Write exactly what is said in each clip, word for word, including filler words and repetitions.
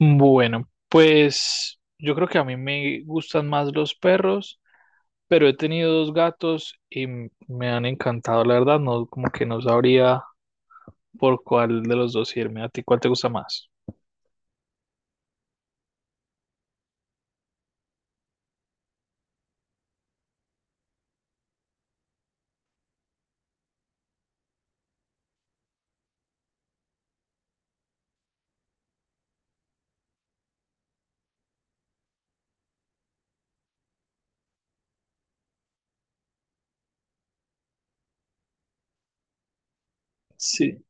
Bueno, pues yo creo que a mí me gustan más los perros, pero he tenido dos gatos y m- me han encantado, la verdad, no como que no sabría por cuál de los dos irme. ¿A ti cuál te gusta más? Sí,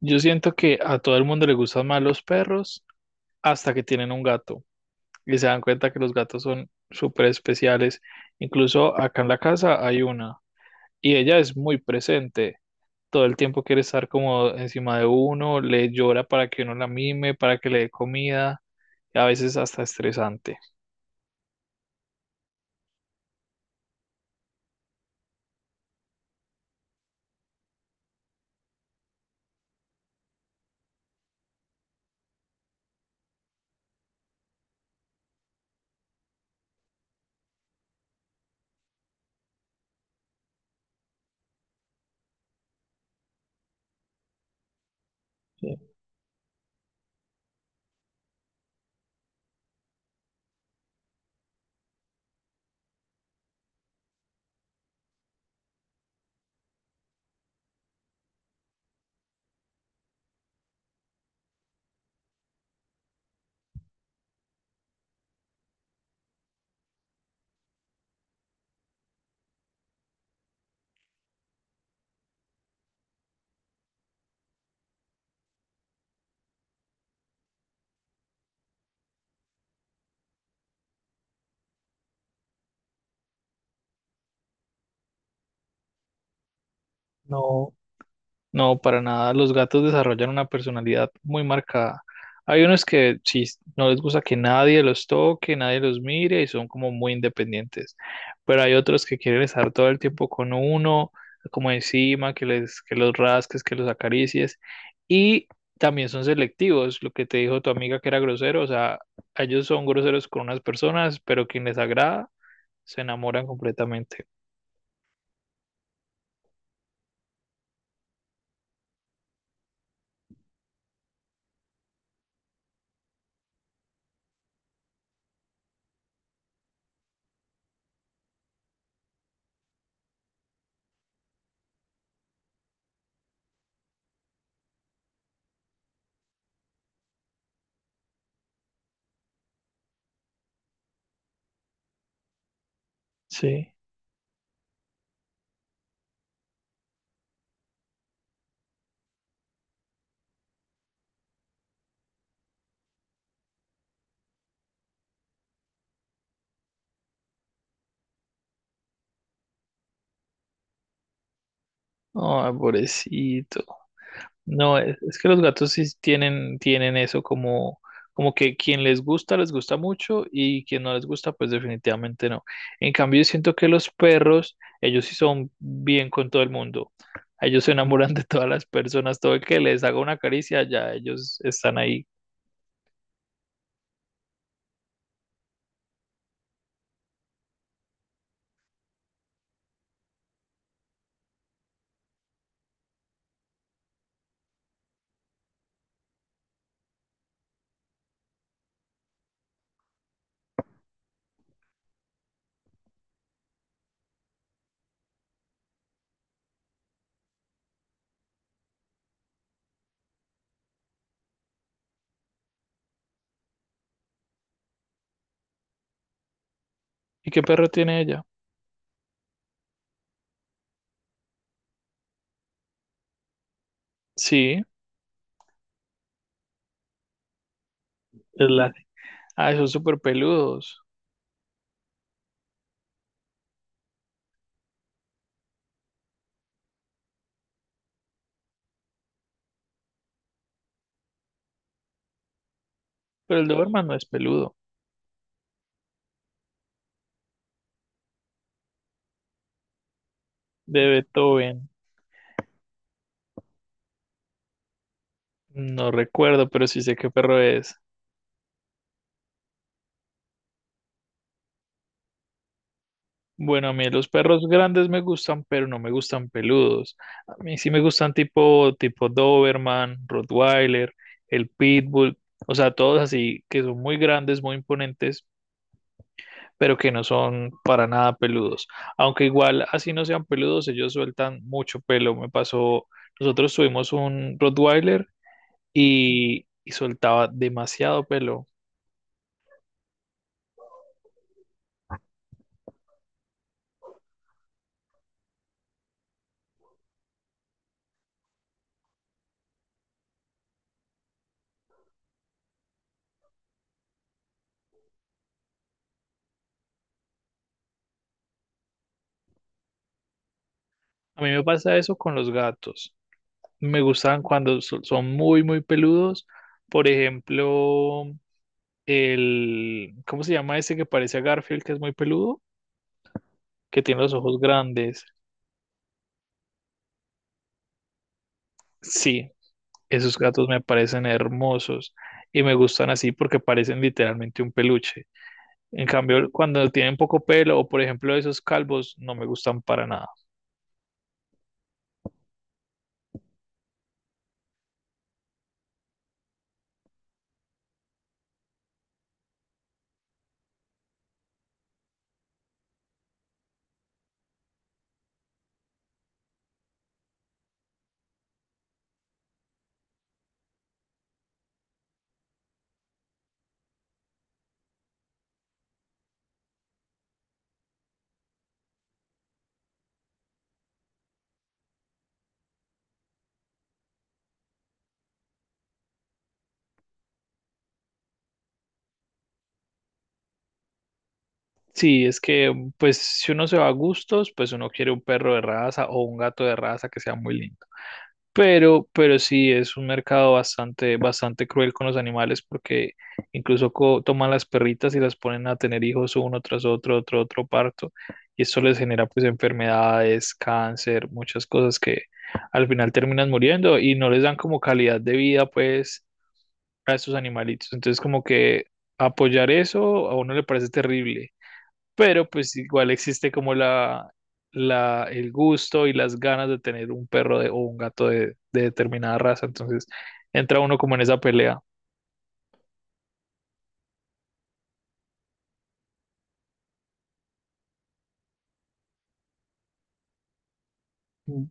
yo siento que a todo el mundo le gustan más los perros hasta que tienen un gato y se dan cuenta que los gatos son súper especiales. Incluso acá en la casa hay una y ella es muy presente. Todo el tiempo quiere estar como encima de uno, le llora para que uno la mime, para que le dé comida, y a veces hasta estresante. Sí. No. No, para nada. Los gatos desarrollan una personalidad muy marcada. Hay unos que sí, no les gusta que nadie los toque, nadie los mire y son como muy independientes. Pero hay otros que quieren estar todo el tiempo con uno, como encima, que les, que los rasques, que los acaricies. Y también son selectivos, lo que te dijo tu amiga que era grosero. O sea, ellos son groseros con unas personas, pero quien les agrada se enamoran completamente. Sí. Ay, pobrecito. No, es, es que los gatos sí tienen, tienen eso como, como que quien les gusta, les gusta mucho y quien no les gusta, pues definitivamente no. En cambio, yo siento que los perros, ellos sí son bien con todo el mundo. Ellos se enamoran de todas las personas, todo el que les haga una caricia, ya ellos están ahí. ¿Y qué perro tiene ella? Sí, es la... Ah, son súper peludos, pero el Doberman no es peludo. De Beethoven, no recuerdo, pero sí sé qué perro es. Bueno, a mí los perros grandes me gustan, pero no me gustan peludos. A mí sí me gustan tipo, tipo Doberman, Rottweiler, el Pitbull, o sea, todos así que son muy grandes, muy imponentes, pero que no son para nada peludos. Aunque igual así no sean peludos, ellos sueltan mucho pelo. Me pasó, nosotros tuvimos un Rottweiler y, y soltaba demasiado pelo. A mí me pasa eso con los gatos. Me gustan cuando so- son muy, muy peludos. Por ejemplo, el, ¿cómo se llama ese que parece a Garfield, que es muy peludo? Que tiene los ojos grandes. Sí, esos gatos me parecen hermosos y me gustan así porque parecen literalmente un peluche. En cambio, cuando tienen poco pelo o por ejemplo esos calvos, no me gustan para nada. Sí, es que pues si uno se va a gustos, pues uno quiere un perro de raza o un gato de raza que sea muy lindo. Pero, pero sí es un mercado bastante, bastante cruel con los animales porque incluso co- toman las perritas y las ponen a tener hijos uno tras otro, otro, otro parto. Y esto les genera pues enfermedades, cáncer, muchas cosas que al final terminan muriendo y no les dan como calidad de vida pues a estos animalitos. Entonces como que apoyar eso a uno le parece terrible, pero pues igual existe como la, la, el gusto y las ganas de tener un perro de, o un gato de, de determinada raza, entonces entra uno como en esa pelea. Mm.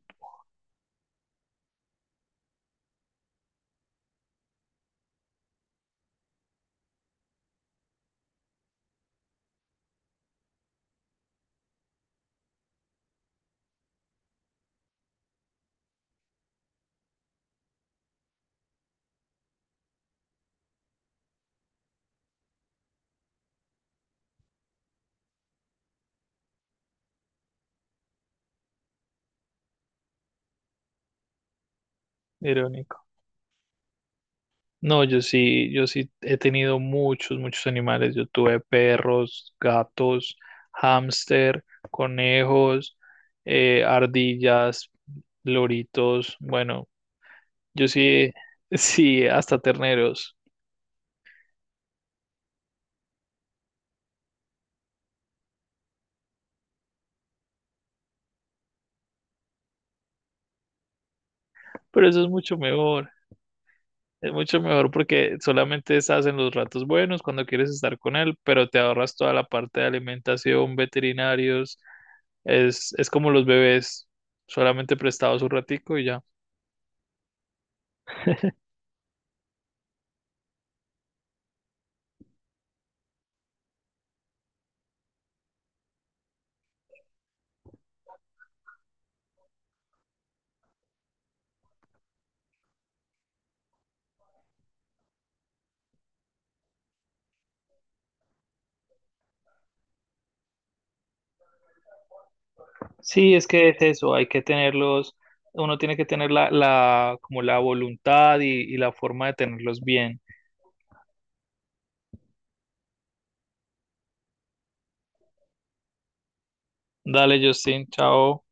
Irónico. No, yo sí, yo sí he tenido muchos, muchos animales. Yo tuve perros, gatos, hámster, conejos, eh, ardillas, loritos. Bueno, yo sí, sí, hasta terneros. Pero eso es mucho mejor. Es mucho mejor porque solamente estás en los ratos buenos cuando quieres estar con él, pero te ahorras toda la parte de alimentación, veterinarios. Es, es como los bebés, solamente prestados un ratico y ya. Sí, es que es eso, hay que tenerlos, uno tiene que tener la, la, como la voluntad y, y la forma de tenerlos bien. Dale, Justin, chao.